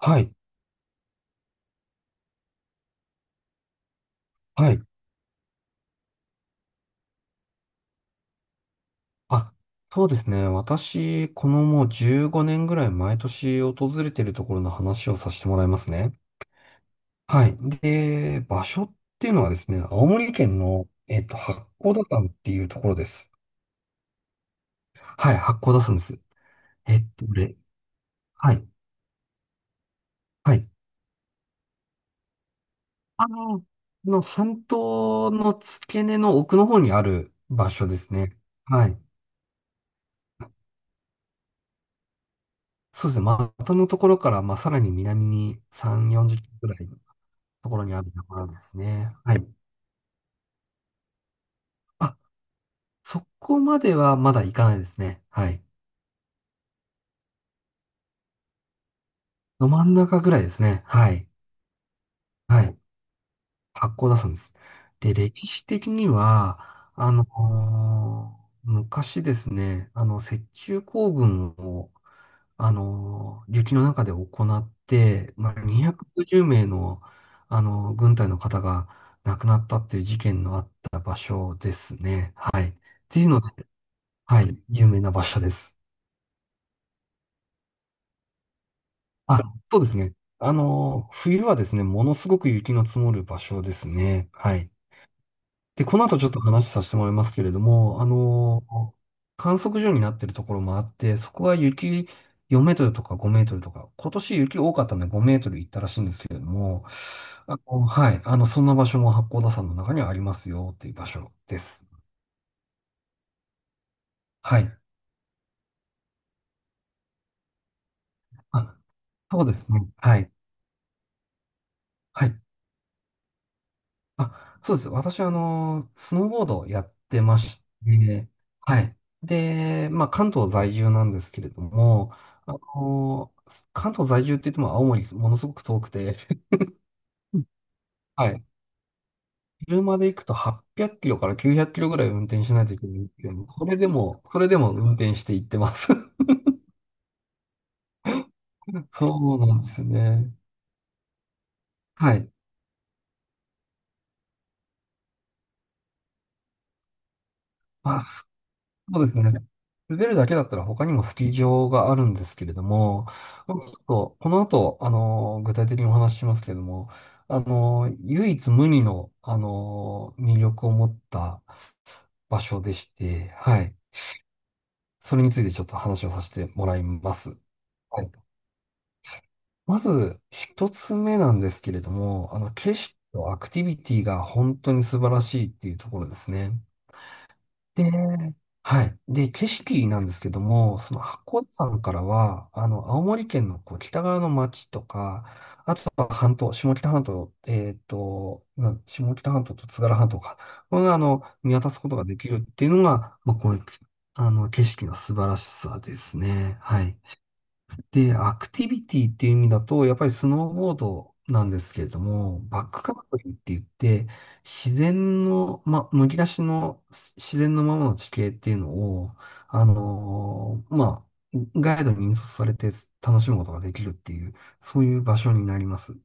はい、はい。あ、そうですね。私、このもう15年ぐらい毎年訪れているところの話をさせてもらいますね。はい。で、場所っていうのはですね、青森県の、八甲田山っていうところです。はい、八甲田山です。えっと、れ、はい、はい。この半島の付け根の奥の方にある場所ですね。はい。そうですね。まあまたのところから、まあ、さらに南に3、40キロぐらいところにあるところですね。はい。あ、そこまではまだ行かないですね。はい。ど真ん中ぐらいですね。はい。はい。発行出すんです。で、歴史的には、昔ですね、雪中行軍を、雪の中で行って、まあ、250名の、軍隊の方が亡くなったっていう事件のあった場所ですね。はい。っていうので、はい、有名な場所です。あ、そうですね。冬はですね、ものすごく雪の積もる場所ですね。はい。で、この後ちょっと話させてもらいますけれども、観測所になっているところもあって、そこは雪4メートルとか5メートルとか、今年雪多かったので5メートル行ったらしいんですけれども、はい。そんな場所も八甲田山の中にはありますよっていう場所です。はい。あ、そうですね。はい。はい。あ、そうです。私は、スノーボードをやってまして、はい。で、まあ、関東在住なんですけれども、あの、関東在住って言っても青森ものすごく遠くて、はい。車で行くと800キロから900キロぐらい運転しないといけないんですけども、それでも運転して行ってます。そうなんですよね。はい。まあ、そうですね。滑るだけだったら他にもスキー場があるんですけれども、まあちょっとこの後、具体的にお話ししますけれども、唯一無二の、魅力を持った場所でして、はい。それについてちょっと話をさせてもらいます。はい。まず、一つ目なんですけれども、景色とアクティビティが本当に素晴らしいっていうところですね。で、はい。で、景色なんですけども、その八甲田山からは、青森県のこう北側の町とか、あとは半島、下北半島、下北半島と津軽半島か、これが、見渡すことができるっていうのが、まあ、こういう、景色の素晴らしさですね。はい。で、アクティビティっていう意味だと、やっぱりスノーボードなんですけれども、バックカントリーって言って、自然の、まあ、むき出しの自然のままの地形っていうのを、まあ、ガイドに引率されて楽しむことができるっていう、そういう場所になります。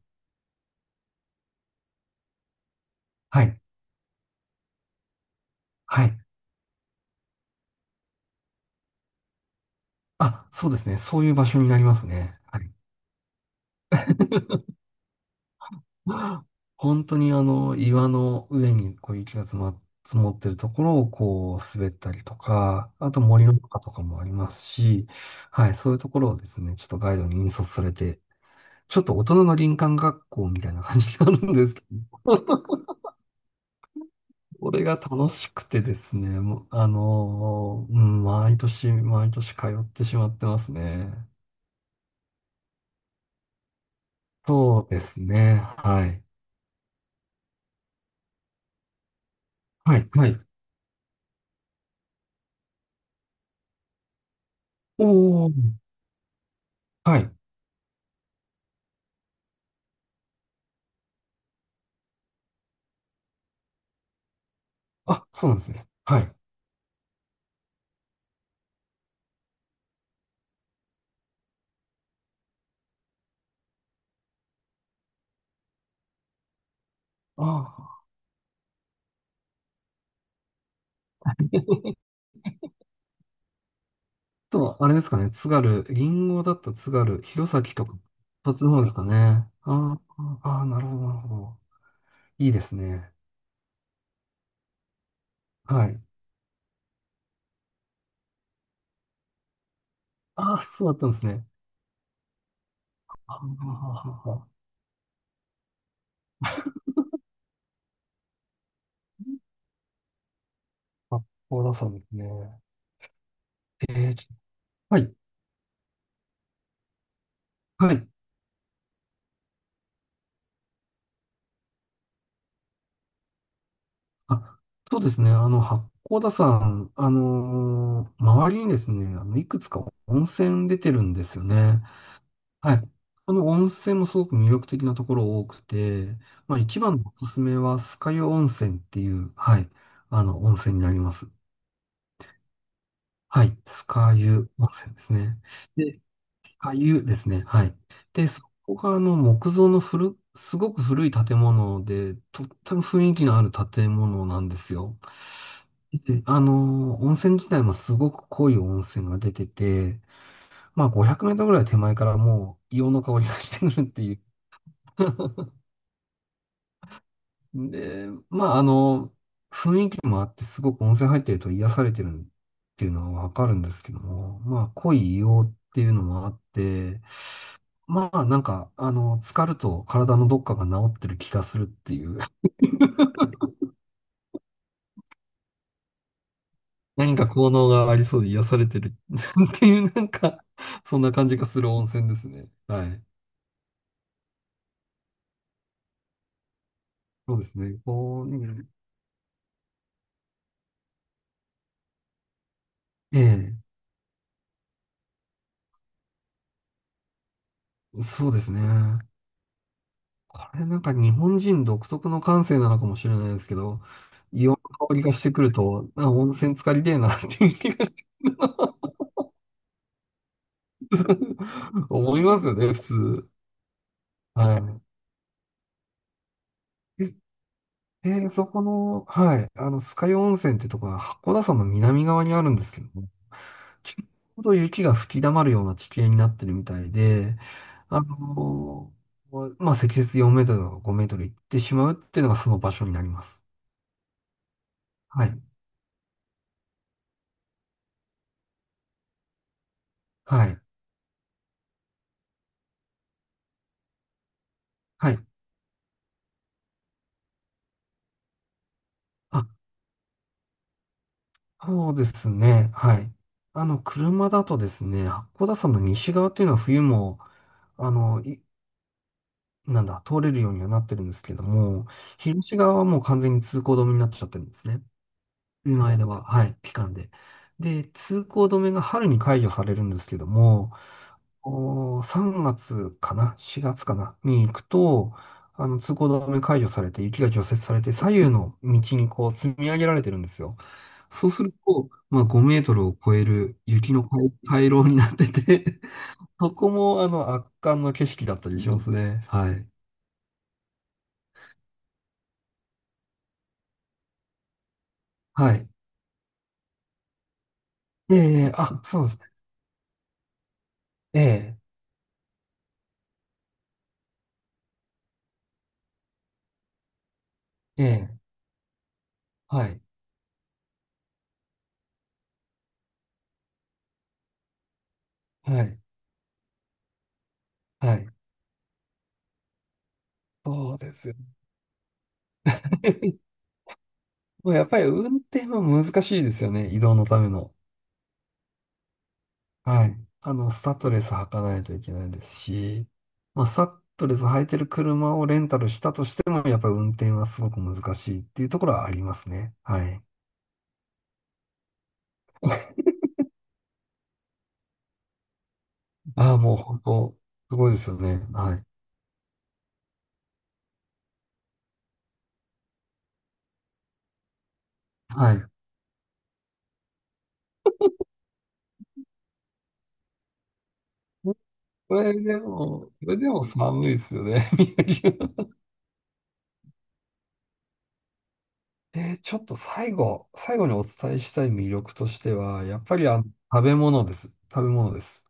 はい。はい。あ、そうですね。そういう場所になりますね。はい。本当に岩の上にこう雪が積もってるところをこう滑ったりとか、あと森の中とかもありますし、はい、そういうところをですね、ちょっとガイドに引率されて、ちょっと大人の林間学校みたいな感じになるんですけど、これが楽しくてですね、もううん、毎年毎年通ってしまってますね。そうですね、はい。はい、はい。おー、はい。あ、そうなんですね。はい。あーと、あれですかね、津軽、銀ゴだった津軽、弘前とか、そっちの方ですかね。ああ、ああなるほど、なるほど。いいですね。はい。ああ、そうだったんですね。ああ、八甲田山ですね。えー、ちょはい、はい。あ、そうですね。八甲田山、周りにですね、いくつか温泉出てるんですよね。はい。この、温泉もすごく魅力的なところ多くて、まあ一番のおすすめは、酸ヶ湯温泉っていう、はい、温泉になります。はい。酸ヶ湯温泉ですね。で、酸ヶ湯ですね。はい。で、そこが木造のすごく古い建物で、とっても雰囲気のある建物なんですよ。で、温泉自体もすごく濃い温泉が出てて、まあ500メートルぐらい手前からもう硫黄の香りがしてくるっていうで、まあ、時もあってすごく温泉入ってると癒されてるっていうのはわかるんですけども、まあ、濃い硫黄っていうのもあって、まあ、なんか、浸かると体のどっかが治ってる気がするっていう、何か効能がありそうで癒されてる っていう、なんか、そんな感じがする温泉ですね。はい。そうですね。うん、ええ、そうですね。これなんか日本人独特の感性なのかもしれないですけど、硫黄の香りがしてくると、あ、温泉浸かりでえなっていう気がして 思いますよね、普通。はい。で、そこの、はい、酸ヶ湯温泉ってとこは函館山の南側にあるんですけども、ちょうど雪が吹き溜まるような地形になってるみたいで、あのまあ、積雪4メートルとか5メートル行ってしまうっていうのがその場所になります。はい。はい。はい。あ、そうですね。はい。車だとですね、八甲田山の西側っていうのは冬も、あの、いなんだ、通れるようにはなってるんですけども、東側はもう完全に通行止めになっちゃってるんですね。今では、はい、期間で。で、通行止めが春に解除されるんですけども、3月かな？ 4 月かなに行くと、通行止め解除されて、雪が除雪されて、左右の道にこう積み上げられてるんですよ。そうすると、まあ、5メートルを超える雪の回 回廊になってて そこも、圧巻の景色だったりしますね。はい。はい。ええ、あ、そうですね。ええ、ええ、はい。はい。はい。そうですよね。まあやっぱり運転は難しいですよね。移動のための。はい。スタッドレス履かないといけないですし、まあ、スタッドレス履いてる車をレンタルしたとしても、やっぱり運転はすごく難しいっていうところはありますね。はい。ああ、もう本当、すごいですよね。はい。はい。それでも寒いですよね、宮城は。ちょっと最後にお伝えしたい魅力としては、やっぱり食べ物です。食べ物です。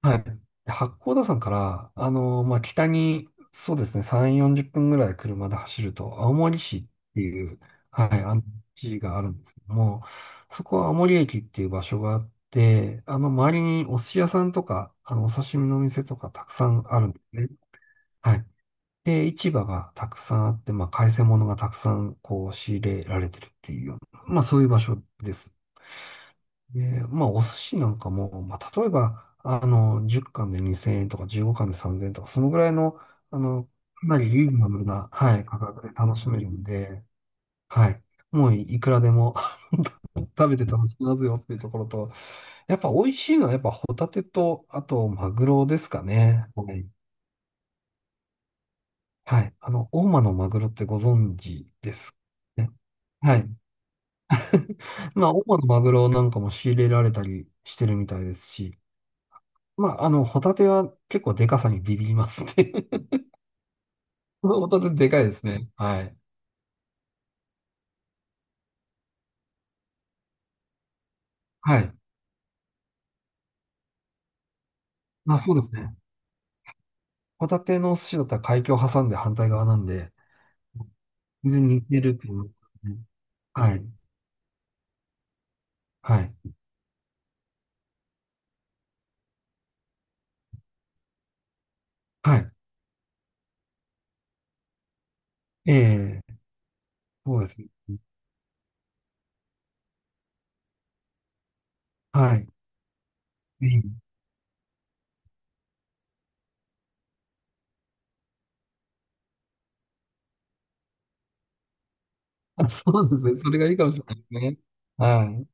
はい。八甲田山から、まあ、北に、そうですね、3、40分ぐらい車で走ると、青森市っていう、はい、市があるんですけども、そこは青森駅っていう場所があって、周りにお寿司屋さんとか、お刺身のお店とかたくさんあるんですね。はい。で、市場がたくさんあって、まあ、海鮮物がたくさん、仕入れられてるっていうような、まあ、そういう場所です。で、まあ、お寿司なんかも、まあ、例えば、10貫で2000円とか15貫で3000円とか、そのぐらいの、あの、かなりリーズナブルな、はい、価格で楽しめるんで、はい。もういくらでも 食べて楽しみますよっていうところと、やっぱ美味しいのはやっぱホタテと、あとマグロですかね。はい。はい。大間のマグロってご存知ですかね。はい。まあ、大間のマグロなんかも仕入れられたりしてるみたいですし、まあ、ホタテは結構でかさにビビりますね。ホタテでかいですね。はい。はい。まあ、そうですね。ホタテのお寿司だったら海峡を挟んで反対側なんで、全然似てると思いますね。はい。はい。はい。ええ、そうですね。はい。ぜひ。あ、そうですね。それがいいかもしれないですね。はい。